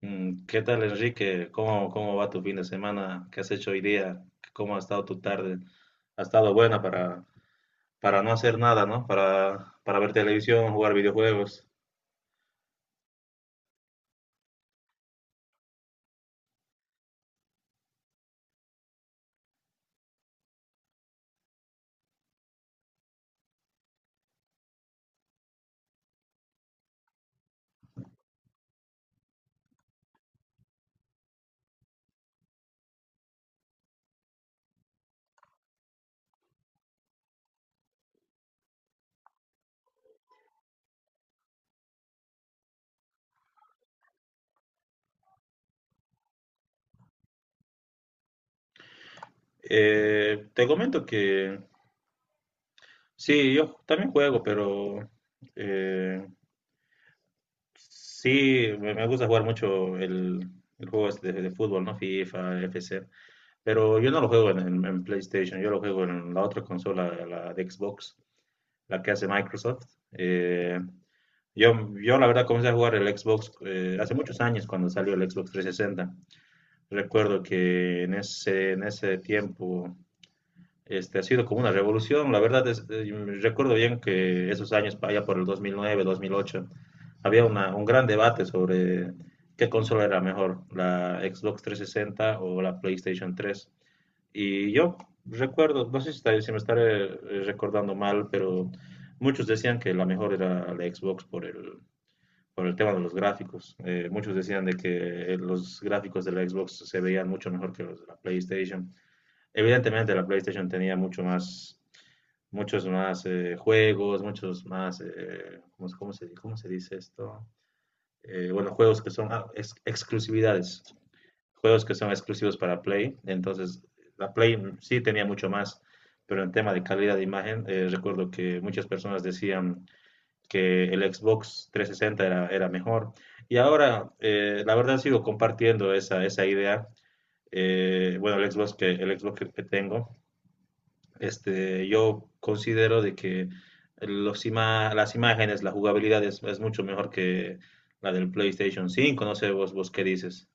¿Qué tal, Enrique? ¿Cómo va tu fin de semana? ¿Qué has hecho hoy día? ¿Cómo ha estado tu tarde? ¿Ha estado buena para no hacer nada, ¿no? Para ver televisión, jugar videojuegos. Te comento que sí, yo también juego, pero eh, sí, me gusta jugar mucho el juego este de fútbol, ¿no? FIFA, FC. Pero yo no lo juego en PlayStation, yo lo juego en la otra consola, la de Xbox, la que hace Microsoft. Eh, Yo, yo la verdad comencé a jugar el Xbox hace muchos años cuando salió el Xbox 360. Recuerdo que en ese tiempo ha sido como una revolución. La verdad, recuerdo bien que esos años, allá por el 2009, 2008, había un gran debate sobre qué consola era mejor, la Xbox 360 o la PlayStation 3. Y yo recuerdo, no sé si, está- si me estaré recordando mal, pero muchos decían que la mejor era la Xbox por el tema de los gráficos. Muchos decían de que los gráficos de la Xbox se veían mucho mejor que los de la PlayStation. Evidentemente la PlayStation tenía muchos más juegos, muchos más, eh, ¿cómo se dice esto? Bueno, juegos que son exclusividades, juegos que son exclusivos para Play. Entonces, la Play sí tenía mucho más, pero en tema de calidad de imagen, recuerdo que muchas personas decían que el Xbox 360 era mejor. Y ahora, la verdad, sigo compartiendo esa idea. Eh, bueno, el Xbox que, que tengo, este, yo considero de que las imágenes, la jugabilidad es mucho mejor que la del PlayStation 5. No sé vos, vos qué dices.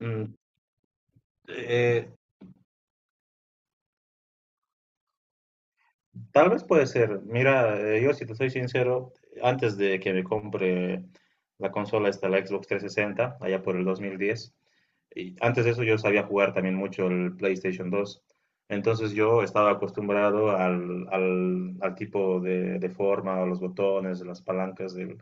Mm, eh, tal vez puede ser. Mira, yo si te soy sincero, antes de que me compre la consola esta, la Xbox 360, allá por el 2010, y antes de eso yo sabía jugar también mucho el PlayStation 2. Entonces yo estaba acostumbrado al tipo de forma, a los botones, a las palancas del,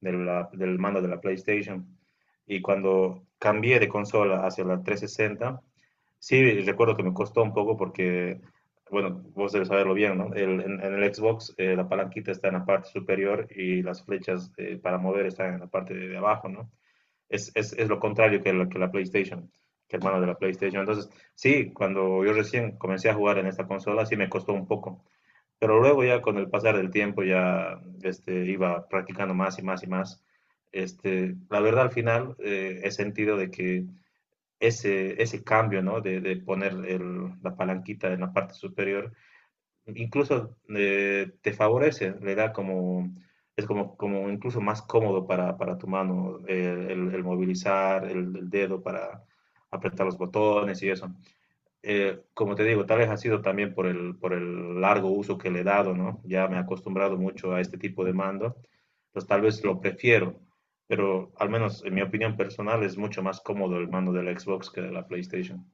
del, la- del mando de la PlayStation. Y cuando cambié de consola hacia la 360, sí recuerdo que me costó un poco porque, bueno, vos debes saberlo bien, ¿no? En el Xbox la palanquita está en la parte superior y las flechas para mover están en la parte de abajo, ¿no? Es lo contrario que que la PlayStation, que hermano de la PlayStation. Entonces, sí, cuando yo recién comencé a jugar en esta consola, sí me costó un poco, pero luego ya con el pasar del tiempo ya este, iba practicando más y más y más. Este, la verdad al final he sentido de que ese cambio, ¿no? De poner la palanquita en la parte superior incluso te favorece, le da como, es como, como incluso más cómodo para tu mano el movilizar el dedo para apretar los botones y eso. Como te digo, tal vez ha sido también por el largo uso que le he dado, ¿no? Ya me he acostumbrado mucho a este tipo de mando, pues tal vez lo prefiero, pero al menos en mi opinión personal es mucho más cómodo el mando de la Xbox que de la PlayStation.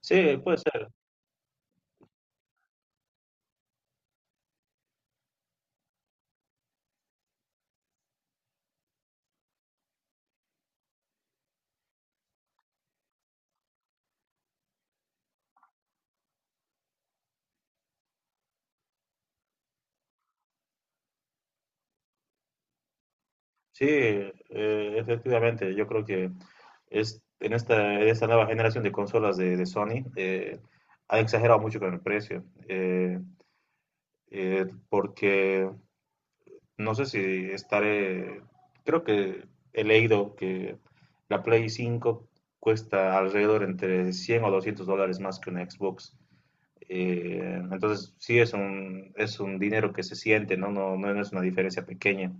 Sí, puede ser. Sí, efectivamente, yo creo que en esta nueva generación de consolas de Sony han exagerado mucho con el precio, porque no sé si estaré, creo que he leído que la Play 5 cuesta alrededor entre 100 o $200 más que una Xbox. Eh, entonces, sí, es un dinero que se siente, ¿no? No es una diferencia pequeña.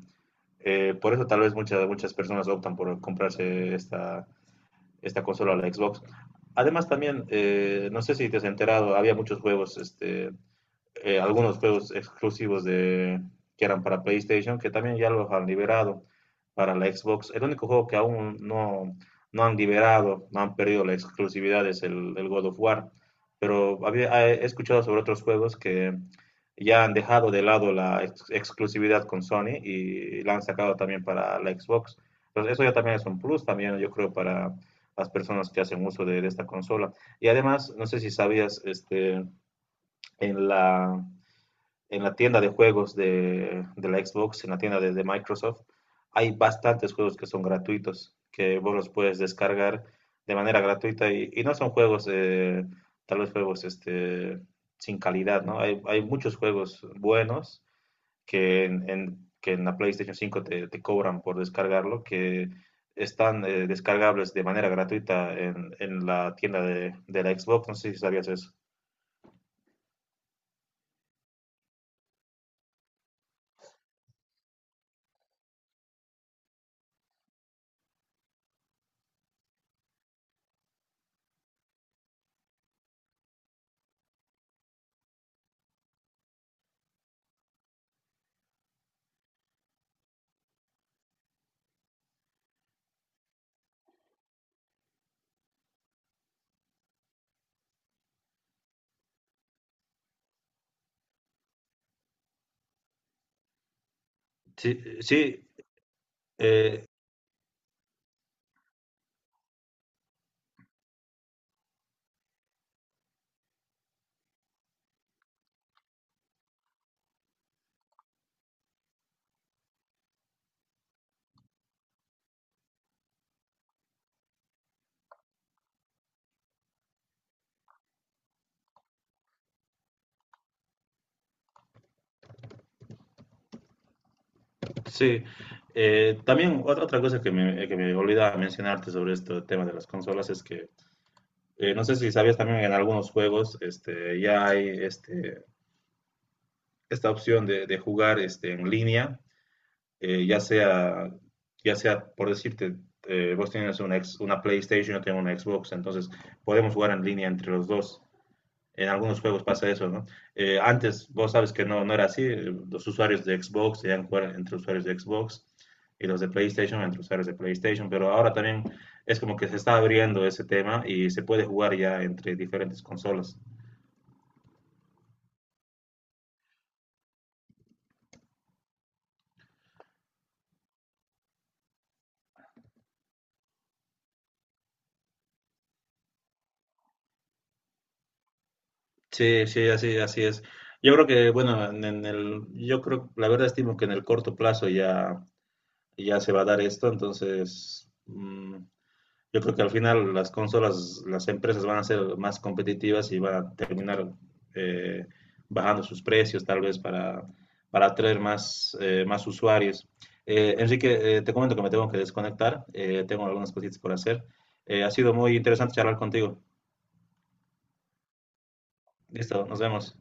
Por eso tal vez muchas personas optan por comprarse esta consola, la Xbox. Además también, no sé si te has enterado, había muchos juegos este, algunos juegos exclusivos de, que eran para PlayStation, que también ya los han liberado para la Xbox. El único juego que aún no, no han liberado, no han perdido la exclusividad es el God of War. Pero había, he escuchado sobre otros juegos que ya han dejado de lado la ex exclusividad con Sony y la han sacado también para la Xbox. Entonces eso ya también es un plus, también yo creo, para las personas que hacen uso de esta consola. Y además, no sé si sabías, este, en la en la tienda de juegos de la Xbox, en la tienda de, Microsoft, hay bastantes juegos que son gratuitos, que vos los puedes descargar de manera gratuita y no son juegos, tal vez juegos este, sin calidad, ¿no? Hay muchos juegos buenos que en la PlayStation 5 te, te cobran por descargarlo, que están descargables de manera gratuita en la tienda la Xbox. No sé si sabías eso. Sí, sí. eh, Sí, también otra, otra cosa que me olvidaba mencionarte sobre este tema de las consolas es que no sé si sabías también en algunos juegos este, ya hay este, esta opción de jugar este, en línea, eh, ya sea, ya sea por decirte, vos tienes una PlayStation, yo tengo una Xbox, entonces podemos jugar en línea entre los dos. En algunos juegos pasa eso, ¿no? Antes vos sabes que no era así. Los usuarios de Xbox debían jugar entre usuarios de Xbox y los de PlayStation entre usuarios de PlayStation, pero ahora también es como que se está abriendo ese tema y se puede jugar ya entre diferentes consolas. Sí, sí, así, así es. Yo creo que, bueno, yo creo, la verdad estimo que en el corto plazo ya, ya se va a dar esto, entonces yo creo que al final las consolas, las empresas van a ser más competitivas y van a terminar eh, bajando sus precios tal vez para atraer más, más usuarios. Enrique, te comento que me tengo que desconectar, tengo algunas cositas por hacer. Ha sido muy interesante charlar contigo. Listo, nos vemos.